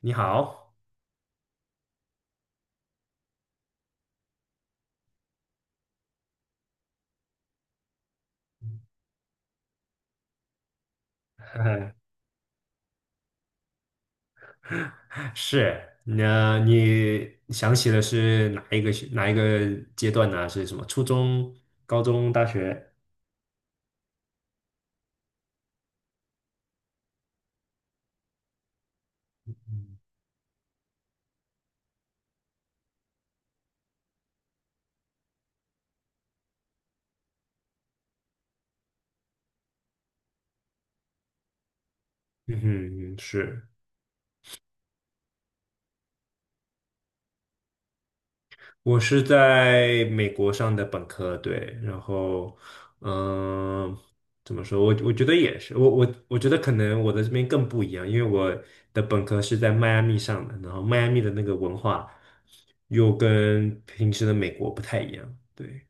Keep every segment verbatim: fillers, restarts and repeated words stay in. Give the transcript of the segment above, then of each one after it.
你好，是，那你想起的是哪一个学哪一个阶段呢？是什么？初中、高中、大学？嗯哼，是，我是在美国上的本科，对，然后，嗯、怎么说？我我觉得也是，我我我觉得可能我的这边更不一样，因为我的本科是在迈阿密上的，然后迈阿密的那个文化又跟平时的美国不太一样，对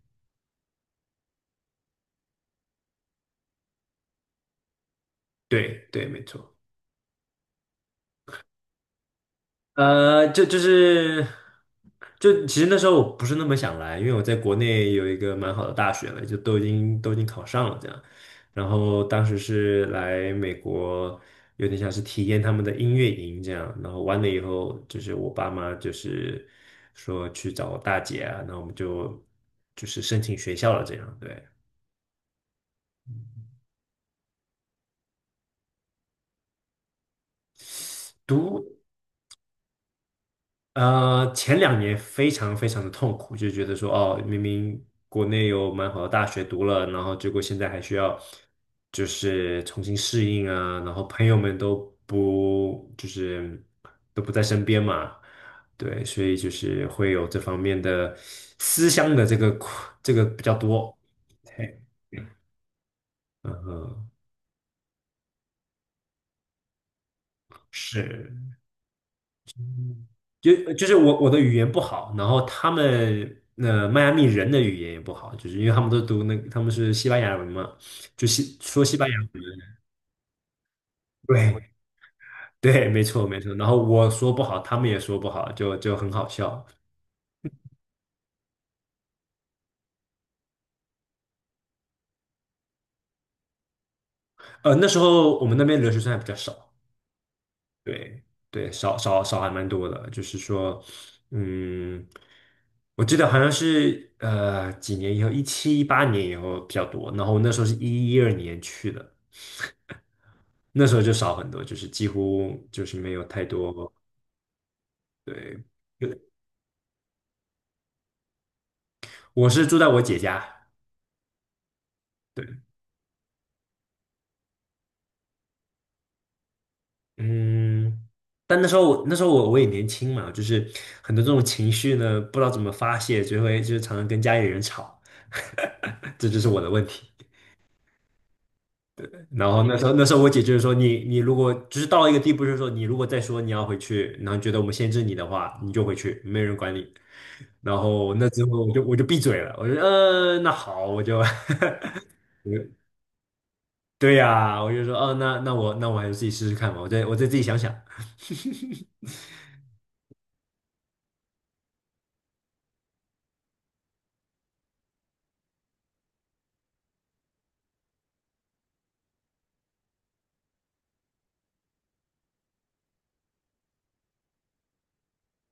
对对，没错。呃，就就是，就其实那时候我不是那么想来，因为我在国内有一个蛮好的大学了，就都已经都已经考上了这样。然后当时是来美国，有点像是体验他们的音乐营这样。然后完了以后，就是我爸妈就是说去找我大姐啊，那我们就就是申请学校了这样。对，读呃，前两年非常非常的痛苦，就觉得说，哦，明明国内有蛮好的大学读了，然后结果现在还需要就是重新适应啊，然后朋友们都不就是都不在身边嘛，对，所以就是会有这方面的思乡的这个苦这个比较多。对，嗯哼，是。就就是我我的语言不好，然后他们呃迈阿密人的语言也不好，就是因为他们都读那他们是西班牙文嘛，就西说西班牙文，对对，没错没错。然后我说不好，他们也说不好，就就很好笑。呃，那时候我们那边留学生还比较少，对对，少少少还蛮多的，就是说，嗯，我记得好像是呃几年以后，一七一八年以后比较多，然后我那时候是一一二年去的。那时候就少很多，就是几乎就是没有太多。对，有我是住在我姐家，对，嗯，但那时候我那时候我我也年轻嘛，就是很多这种情绪呢，不知道怎么发泄，就会就是常常跟家里人吵，这就是我的问题。然后那时候那时候我姐就是说你你如果就是到了一个地步，就是说你如果再说你要回去，然后觉得我们限制你的话，你就回去，没人管你。然后那之后我就我就闭嘴了，我就呃那好，我就 对呀，我就说，哦，那那我那我还是自己试试看吧，我再我再自己想想。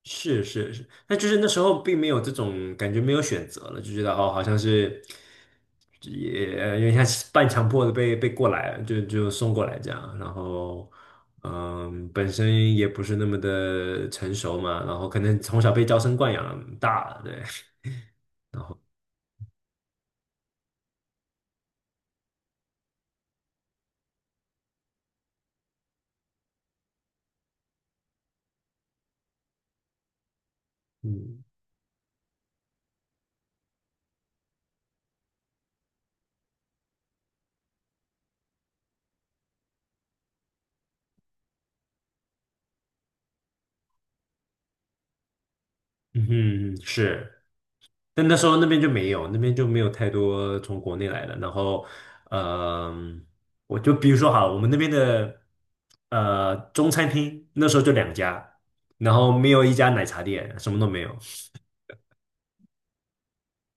是是是，那就是那时候并没有这种感觉，没有选择了，就觉得哦，好像是也呃有点像是半强迫的被被过来了，就就送过来这样。然后，嗯，本身也不是那么的成熟嘛，然后可能从小被娇生惯养大了，对，嗯嗯哼，是。但那时候那边就没有，那边就没有太多从国内来的。然后，嗯、我就比如说好了我们那边的呃中餐厅那时候就两家，然后没有一家奶茶店，什么都没有。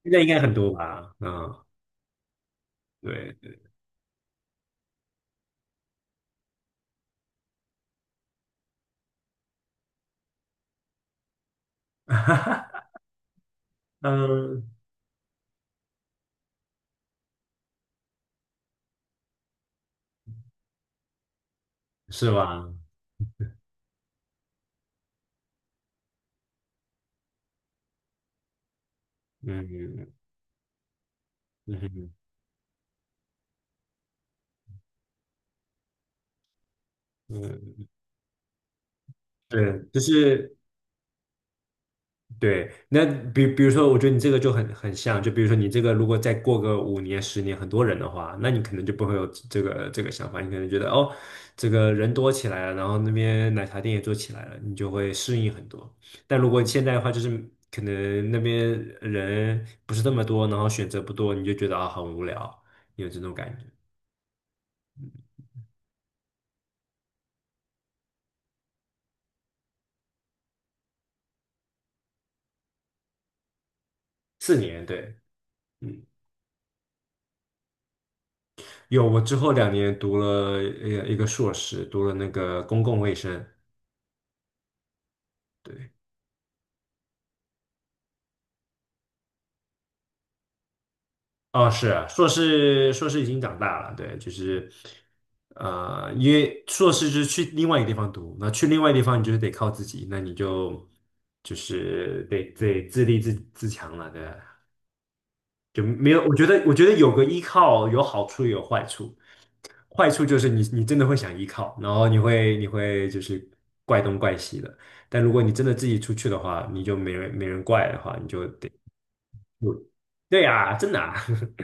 现在应该很多吧？嗯，对，嗯，是吧？嗯嗯嗯，对，就是。对，那比比如说，我觉得你这个就很很像，就比如说你这个如果再过个五年、十年，很多人的话，那你可能就不会有这个这个想法，你可能觉得哦，这个人多起来了，然后那边奶茶店也做起来了，你就会适应很多。但如果现在的话，就是可能那边人不是那么多，然后选择不多，你就觉得啊很无聊，有这种感觉。四年，对。嗯，有，我之后两年读了一个一个硕士，读了那个公共卫生，对，哦，是啊硕士，硕士已经长大了，对，就是，呃，因为硕士就是去另外一个地方读，那去另外一个地方，你就是得靠自己，那你就就是得得自立自自强了，对啊，就没有，我觉得我觉得有个依靠有好处也有坏处，坏处就是你你真的会想依靠，然后你会你会就是怪东怪西的，但如果你真的自己出去的话，你就没人没人怪的话，你就得，对呀，真的啊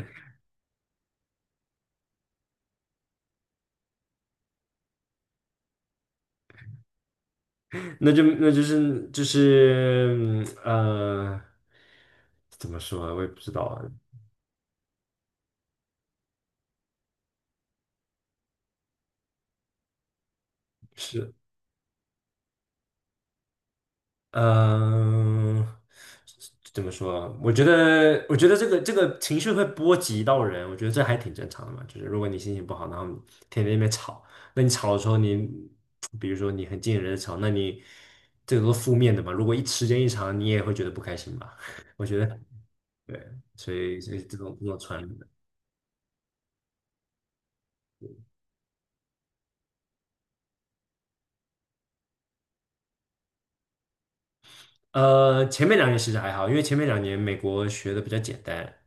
那就那就是就是嗯呃，怎么说啊？我也不知道啊，是嗯、呃怎么说啊？我觉得我觉得这个这个情绪会波及到人，我觉得这还挺正常的嘛。就是如果你心情不好，然后你天天在那边吵，那你吵的时候你，比如说你很近人的吵，那你这个都是负面的嘛。如果一时间一长，你也会觉得不开心吧？我觉得对，所以所以这种这种传。呃，前面两年其实还好，因为前面两年美国学的比较简单，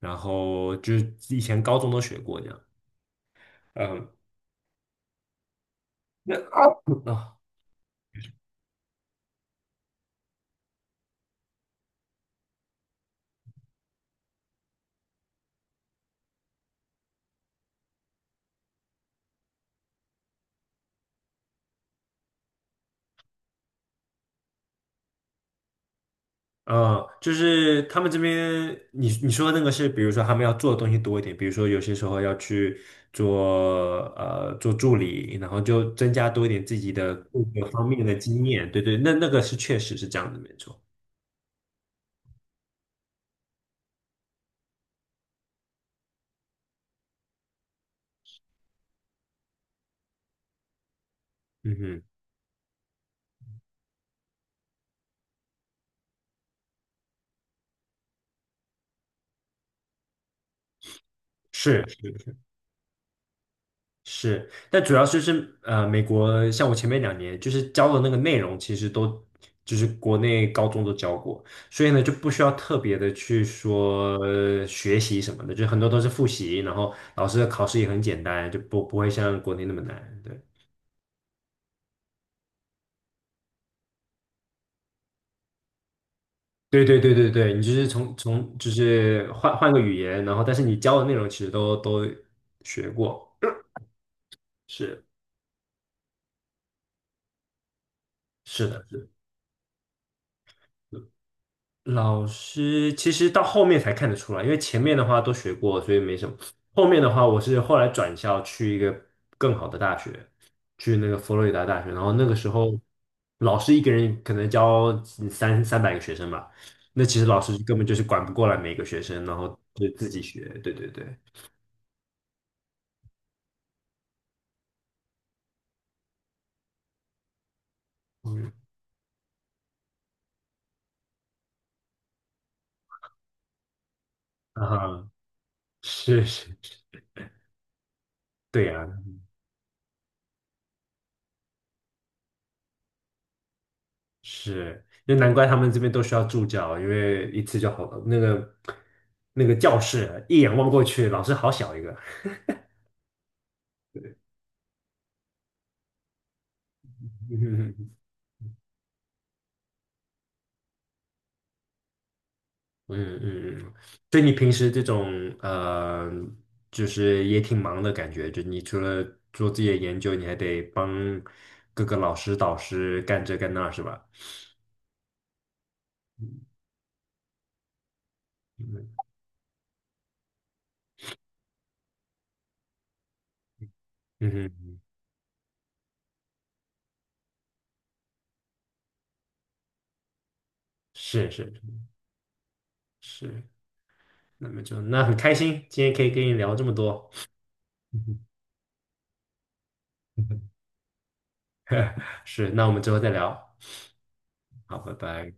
然后就是以前高中都学过这样。嗯，那啊，呃，就是他们这边，你你说的那个是，比如说他们要做的东西多一点，比如说有些时候要去做呃做助理，然后就增加多一点自己的各个方面的经验。对对，那那个是确实是这样的，没错。嗯哼，是。是，但主要就是呃，美国像我前面两年就是教的那个内容，其实都就是国内高中都教过，所以呢就不需要特别的去说呃学习什么的，就很多都是复习，然后老师的考试也很简单，就不不会像国内那么难。对，对对对对对，你就是从从就是换换个语言，然后但是你教的内容其实都都学过。是是的，是的。老师其实到后面才看得出来，因为前面的话都学过，所以没什么。后面的话，我是后来转校去一个更好的大学，去那个佛罗里达大学。然后那个时候，老师一个人可能教三三百个学生吧，那其实老师根本就是管不过来每个学生，然后就自己学。对对对，嗯啊哈，是是，对呀，是，就难怪他们这边都需要助教，因为一次就好，那个那个教室一眼望过去，老师好小一个。嗯嗯嗯，所以你平时这种呃，就是也挺忙的感觉，就你除了做自己的研究，你还得帮各个老师导师干这干那，是吧？嗯嗯哼，是是是，那么就那很开心，今天可以跟你聊这么多。是，那我们之后再聊。好，拜拜。